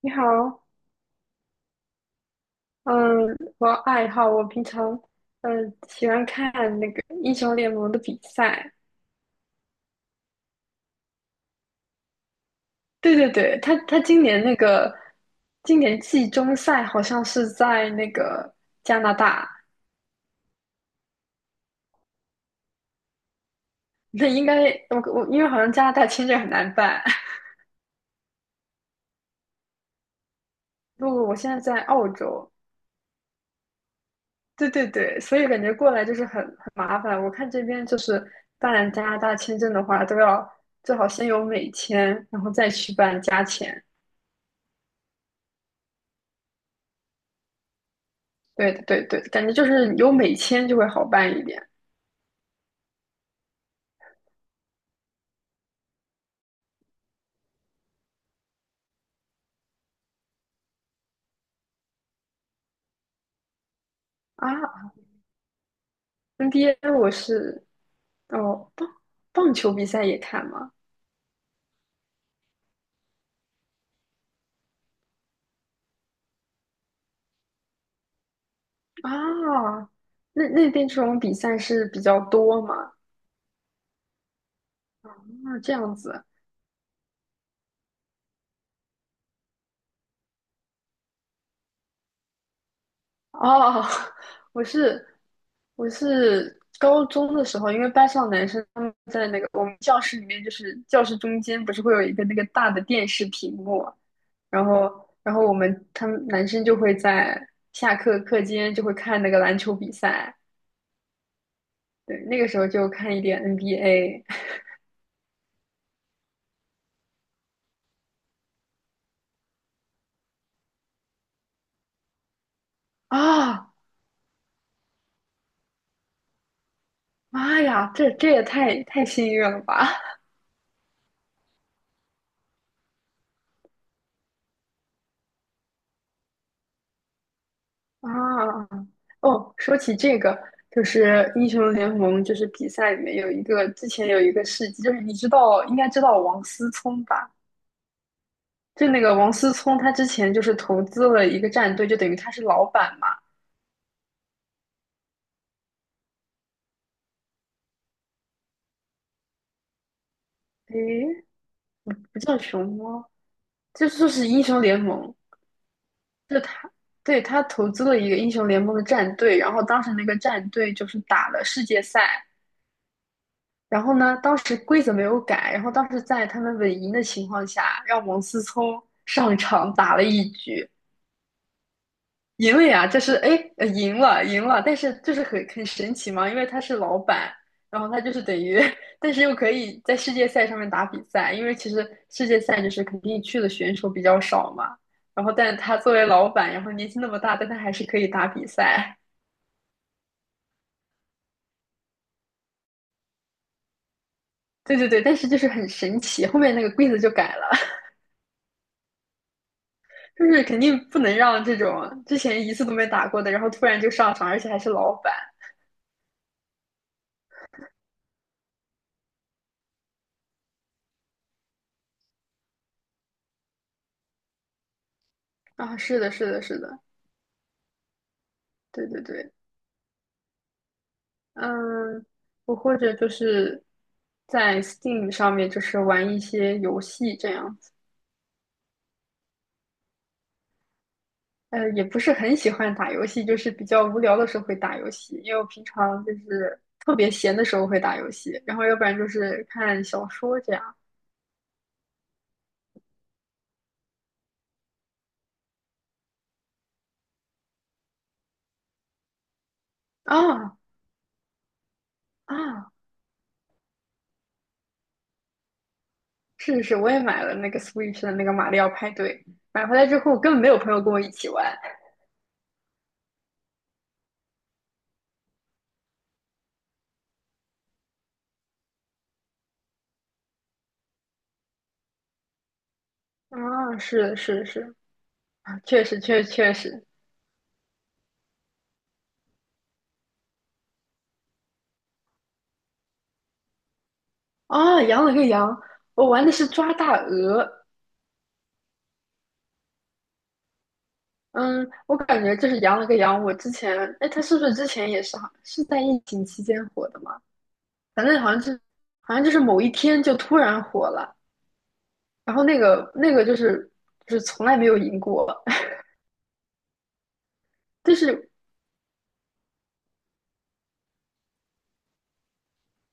你好。嗯，我爱好我平常喜欢看那个英雄联盟的比赛。对对对，他今年那个今年季中赛好像是在那个加拿大。那应该我因为好像加拿大签证很难办。不不，我现在在澳洲。对对对，所以感觉过来就是很麻烦。我看这边就是办加拿大签证的话，都要最好先有美签，然后再去办加签。对的，对对，感觉就是有美签就会好办一点啊。NBA 我是。哦，棒球比赛也看吗？啊，那那边这种比赛是比较多吗？那这样子。 哦，我是我是高中的时候，因为班上男生他们在那个我们教室里面，就是教室中间不是会有一个那个大的电视屏幕嘛，然后我们他们男生就会在下课课间就会看那个篮球比赛。对，那个时候就看一点 NBA 啊。妈呀，这这也太幸运了吧。 啊！哦，说起这个，就是英雄联盟，就是比赛里面有一个，之前有一个事迹，就是你知道，应该知道王思聪吧？就那个王思聪，他之前就是投资了一个战队，就等于他是老板嘛。诶，不不叫熊猫，就说是英雄联盟。就他，对，他投资了一个英雄联盟的战队，然后当时那个战队就是打了世界赛。然后呢，当时规则没有改，然后当时在他们稳赢的情况下，让王思聪上场打了一局，赢了呀！这是哎，赢了，赢了，但是就是很神奇嘛，因为他是老板，然后他就是等于，但是又可以在世界赛上面打比赛，因为其实世界赛就是肯定去的选手比较少嘛，然后但他作为老板，然后年纪那么大，但他还是可以打比赛。对对对，但是就是很神奇，后面那个规则就改了。就是肯定不能让这种之前一次都没打过的，然后突然就上场，而且还是老板。啊！是的，是的，是的，对对对。嗯，我或者就是在 Steam 上面就是玩一些游戏这样子。也不是很喜欢打游戏，就是比较无聊的时候会打游戏，因为我平常就是特别闲的时候会打游戏，然后要不然就是看小说这样。啊啊。是是，我也买了那个 Switch 的那个马里奥派对，买回来之后我根本没有朋友跟我一起玩。啊，是的是的是的。啊确实确实确实。啊，羊了个羊，我玩的是抓大鹅。嗯，我感觉就是羊了个羊。我之前，哎，它是不是之前也是好是在疫情期间火的嘛？反正好像是，好像就是某一天就突然火了。然后那个就是就是从来没有赢过。就是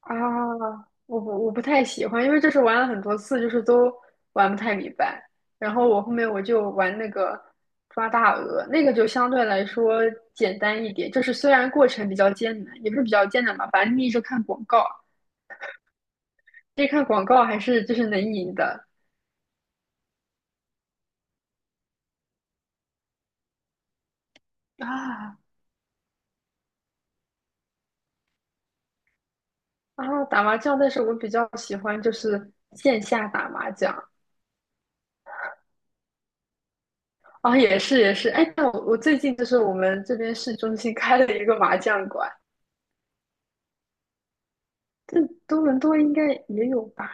啊，我不太喜欢，因为就是玩了很多次，就是都玩不太明白。然后我后面我就玩那个抓大鹅，那个就相对来说简单一点，就是虽然过程比较艰难，也不是比较艰难吧，反正你一直看广告，这看广告还是就是能赢的啊。啊！打麻将，但是我比较喜欢就是线下打麻将。啊，也是也是，哎，但我最近就是我们这边市中心开了一个麻将馆。这多伦多应该也有吧？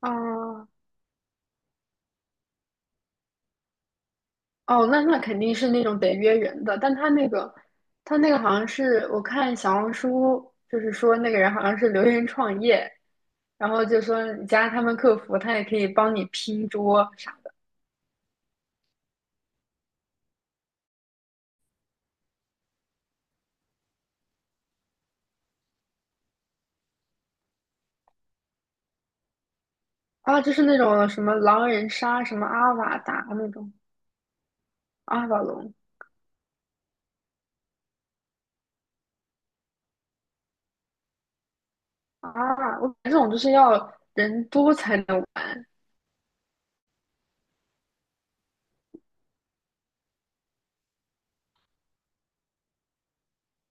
啊。哦，那那肯定是那种得约人的，但他那个，他那个好像是我看小红书，就是说那个人好像是留言创业，然后就说你加他们客服，他也可以帮你拼桌。啊，就是那种什么狼人杀、什么阿瓦达那种阿瓦隆。啊，我感觉这种就是要人多才能玩。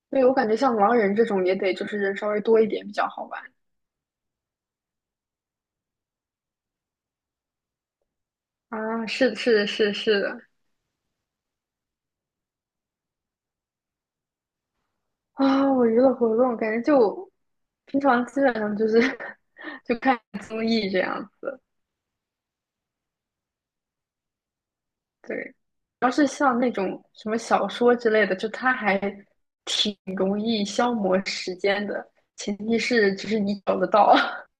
对，我感觉像狼人这种也得就是人稍微多一点比较好玩。啊，是的是的是的是的。啊、我娱乐活动感觉就平常基本上就是 就看综艺这样子。对。主要是像那种什么小说之类的，就它还挺容易消磨时间的，前提是就是你找得到。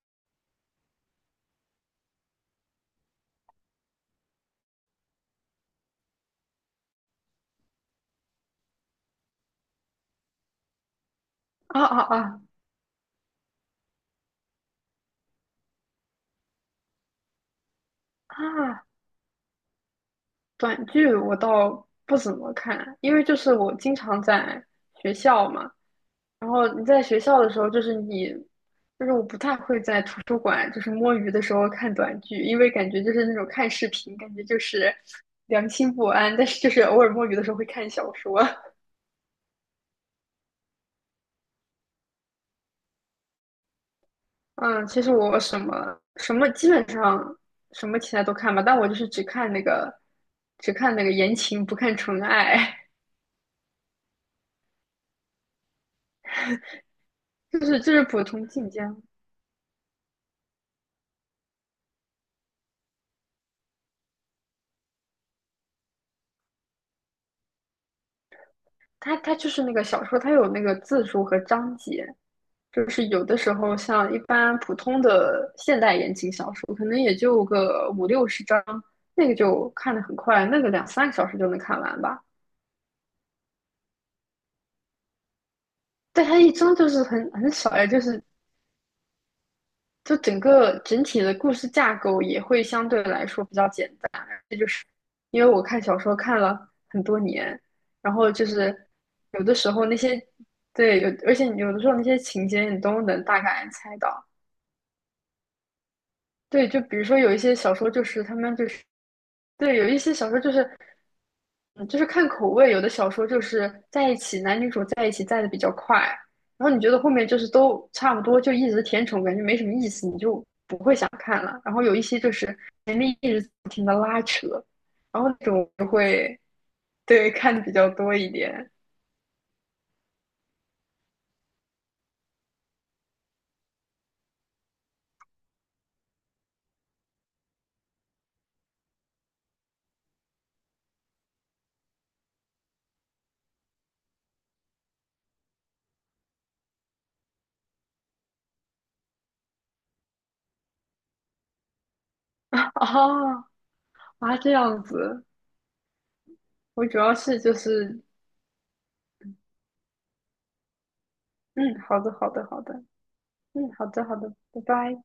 啊啊啊。啊！短剧我倒不怎么看，因为就是我经常在学校嘛，然后你在学校的时候，就是你，就是我不太会在图书馆就是摸鱼的时候看短剧，因为感觉就是那种看视频，感觉就是良心不安。但是就是偶尔摸鱼的时候会看小说。嗯，其实我什么基本上什么题材都看吧，但我就是只看那个言情，不看纯爱。就是就是普通晋江。它就是那个小说，它有那个字数和章节。就是有的时候，像一般普通的现代言情小说，可能也就个50、60章，那个就看得很快，那个2、3个小时就能看完吧。但它一章就是很少呀，就是就整个整体的故事架构也会相对来说比较简单。这就是因为我看小说看了很多年，然后就是有的时候那些对有，而且有的时候那些情节你都能大概猜到。对，就比如说有一些小说，就是他们就是对，有一些小说就是，嗯，就是看口味，有的小说就是在一起，男女主在一起在的比较快，然后你觉得后面就是都差不多，就一直甜宠，感觉没什么意思，你就不会想看了。然后有一些就是前面一直不停的拉扯，然后那种就会对看的比较多一点。哦，啊，这样子。我主要是就是，嗯，好的，好的，好的。嗯，好的，好的，拜拜。